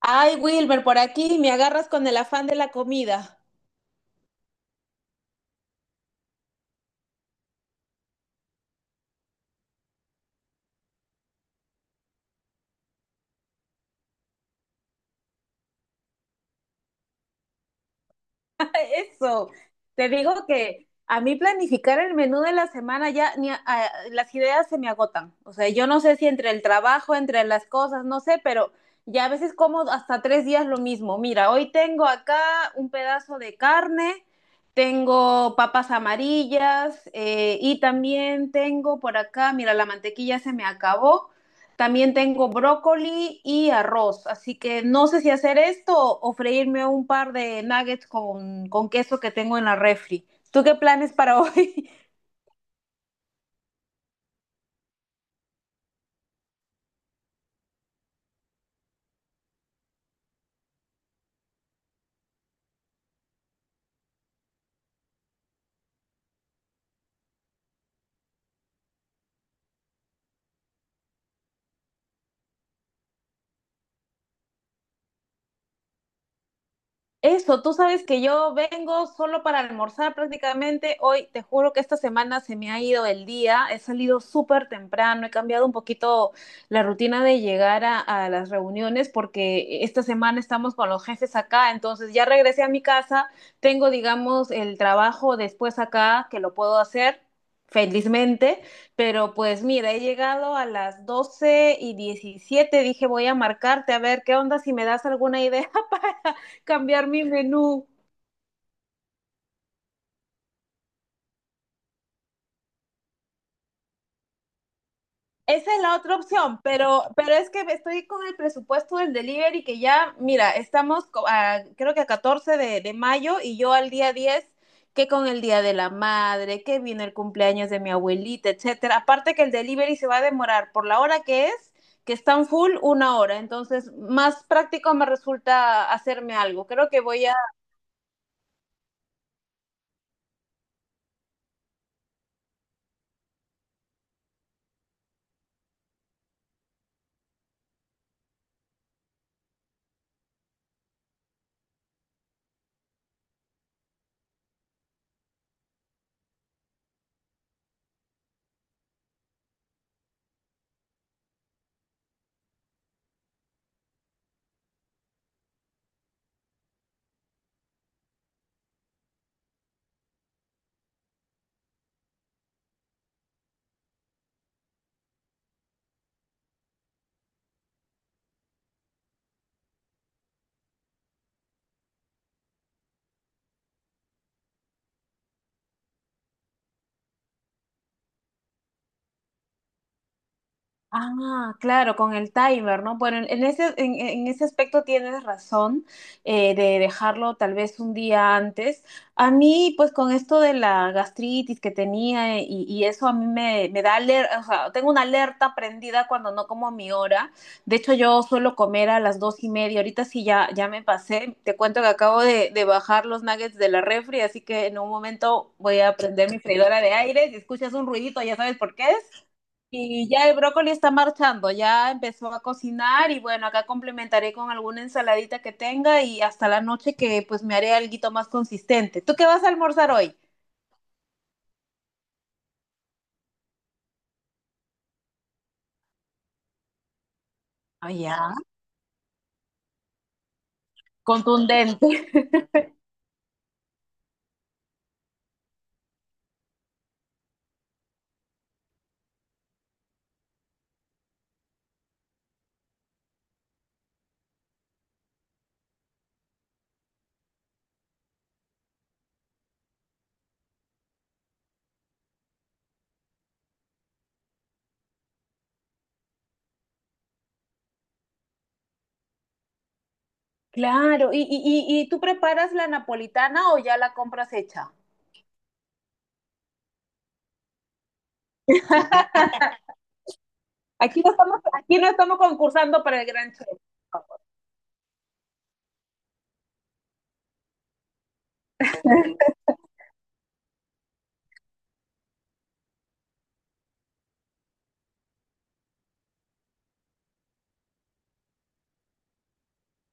Ay, Wilmer, por aquí me agarras con el afán de la comida. Eso, te digo que a mí planificar el menú de la semana ya ni las ideas se me agotan. O sea, yo no sé si entre el trabajo, entre las cosas, no sé, pero ya a veces como hasta 3 días lo mismo. Mira, hoy tengo acá un pedazo de carne, tengo papas amarillas y también tengo por acá, mira, la mantequilla se me acabó. También tengo brócoli y arroz, así que no sé si hacer esto o freírme un par de nuggets con queso que tengo en la refri. ¿Tú qué planes para hoy? Eso, tú sabes que yo vengo solo para almorzar prácticamente. Hoy te juro que esta semana se me ha ido el día. He salido súper temprano. He cambiado un poquito la rutina de llegar a las reuniones porque esta semana estamos con los jefes acá. Entonces ya regresé a mi casa. Tengo, digamos, el trabajo después acá que lo puedo hacer. Felizmente, pero pues mira, he llegado a las 12:17, dije voy a marcarte a ver qué onda si me das alguna idea cambiar mi menú. Esa es la otra opción, pero es que estoy con el presupuesto del delivery que ya, mira, estamos a, creo que a 14 de mayo y yo al día 10 que con el Día de la Madre, que viene el cumpleaños de mi abuelita, etcétera. Aparte que el delivery se va a demorar por la hora que es, que están full una hora. Entonces, más práctico me resulta hacerme algo. Creo que voy a. Ah, claro, con el timer, ¿no? Bueno, en ese aspecto tienes razón de dejarlo tal vez un día antes. A mí, pues con esto de la gastritis que tenía y eso a mí me da alerta, o sea, tengo una alerta prendida cuando no como a mi hora. De hecho, yo suelo comer a las 2:30. Ahorita sí ya, ya me pasé. Te cuento que acabo de bajar los nuggets de la refri, así que en un momento voy a prender mi freidora de aire. Si escuchas un ruidito, ya sabes por qué es. Y ya el brócoli está marchando, ya empezó a cocinar y bueno, acá complementaré con alguna ensaladita que tenga y hasta la noche que pues me haré alguito más consistente. ¿Tú qué vas a almorzar hoy? Ah, ya. Contundente. Claro. ¿Y tú preparas la napolitana o ya la compras hecha? Aquí no estamos concursando para el gran chef.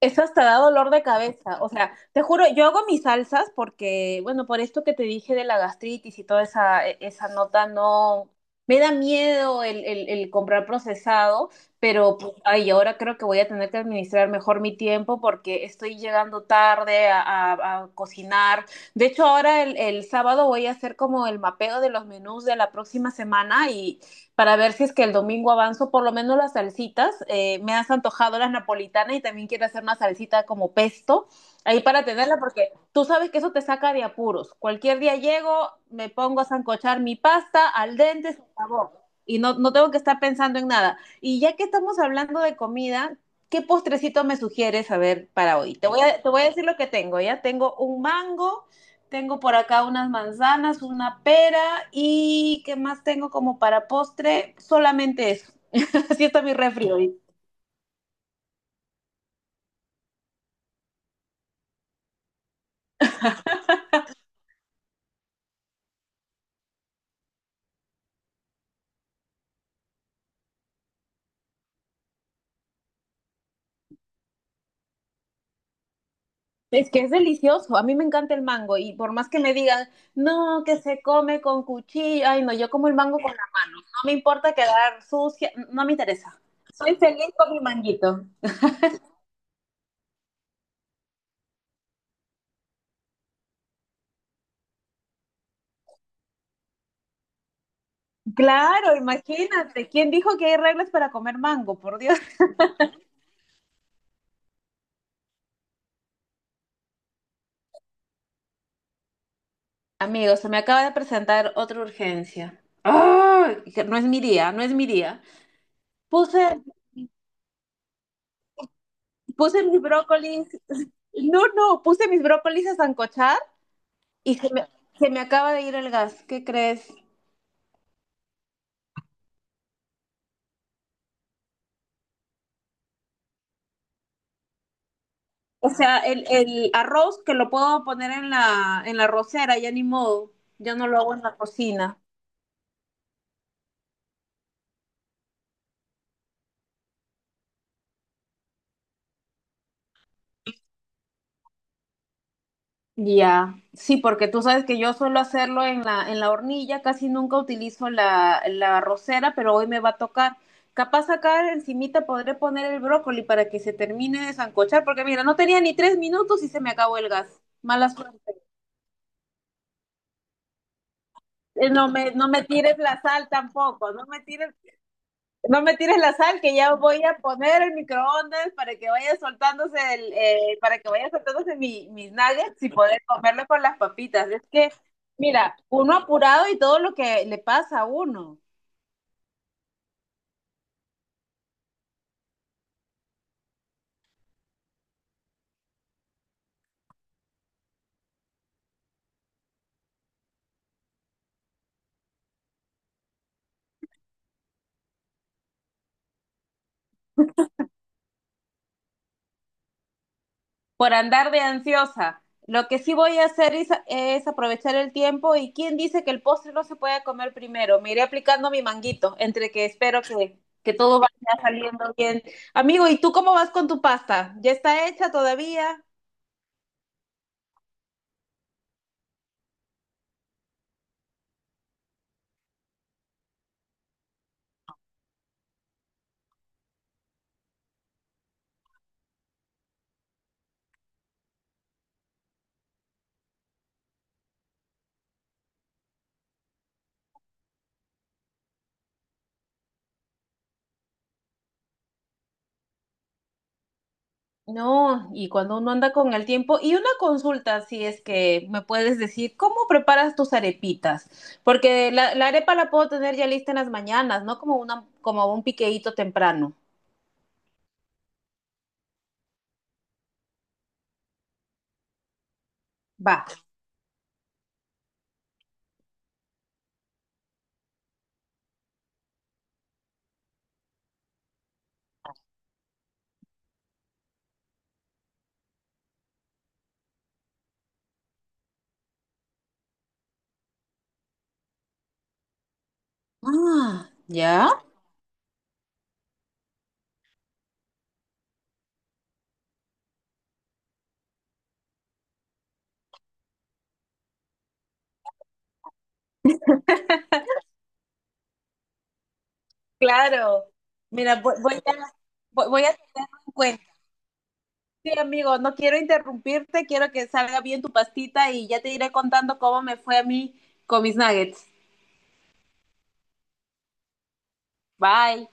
Eso hasta da dolor de cabeza. O sea, te juro, yo hago mis salsas porque, bueno, por esto que te dije de la gastritis y toda esa, esa nota, no. Me da miedo el comprar procesado, pero pues, ay, ahora creo que voy a tener que administrar mejor mi tiempo porque estoy llegando tarde a cocinar. De hecho, ahora el sábado voy a hacer como el mapeo de los menús de la próxima semana para ver si es que el domingo avanzo, por lo menos las salsitas. Me has antojado las napolitanas y también quiero hacer una salsita como pesto ahí para tenerla, porque tú sabes que eso te saca de apuros. Cualquier día llego, me pongo a sancochar mi pasta al dente, se acabó. Y no, no tengo que estar pensando en nada. Y ya que estamos hablando de comida, ¿qué postrecito me sugieres a ver para hoy? Te voy a decir lo que tengo, ¿ya? Tengo un mango, tengo por acá unas manzanas, una pera y ¿qué más tengo como para postre? Solamente eso. Así está mi refri hoy. Es que es delicioso, a mí me encanta el mango y por más que me digan, no, que se come con cuchillo, ay no, yo como el mango con la mano, no me importa quedar sucia, no me interesa. Soy feliz con mi manguito. Claro, imagínate, ¿quién dijo que hay reglas para comer mango? Por Dios. Amigos, se me acaba de presentar otra urgencia. ¡Ay! Que no es mi día, no es mi día. puse, puse mis brócolis, no, no, puse mis brócolis a sancochar y se me acaba de ir el gas, ¿qué crees? O sea, el arroz que lo puedo poner en la, arrocera, ya ni modo, ya no lo hago en la cocina. Ya, sí, porque tú sabes que yo suelo hacerlo en la hornilla, casi nunca utilizo la arrocera, pero hoy me va a tocar. Capaz acá encimita podré poner el brócoli para que se termine de sancochar, porque mira, no tenía ni 3 minutos y se me acabó el gas. Mala suerte. No me tires la sal tampoco, no me tires la sal que ya voy a poner el microondas para que vaya soltándose para que vaya soltándose mis nuggets y poder comerlo con las papitas. Es que, mira, uno apurado y todo lo que le pasa a uno. Por andar de ansiosa. Lo que sí voy a hacer es aprovechar el tiempo y quién dice que el postre no se puede comer primero. Me iré aplicando mi manguito, entre que espero que todo vaya saliendo bien. Amigo, ¿y tú cómo vas con tu pasta? ¿Ya está hecha todavía? No, y cuando uno anda con el tiempo, y una consulta, si es que me puedes decir, ¿cómo preparas tus arepitas? Porque la arepa la puedo tener ya lista en las mañanas, ¿no? Como un piqueíto temprano. Va. Ah, ya. Claro. Mira, voy a tenerlo en cuenta. Sí, amigo, no quiero interrumpirte, quiero que salga bien tu pastita y ya te iré contando cómo me fue a mí con mis nuggets. Bye.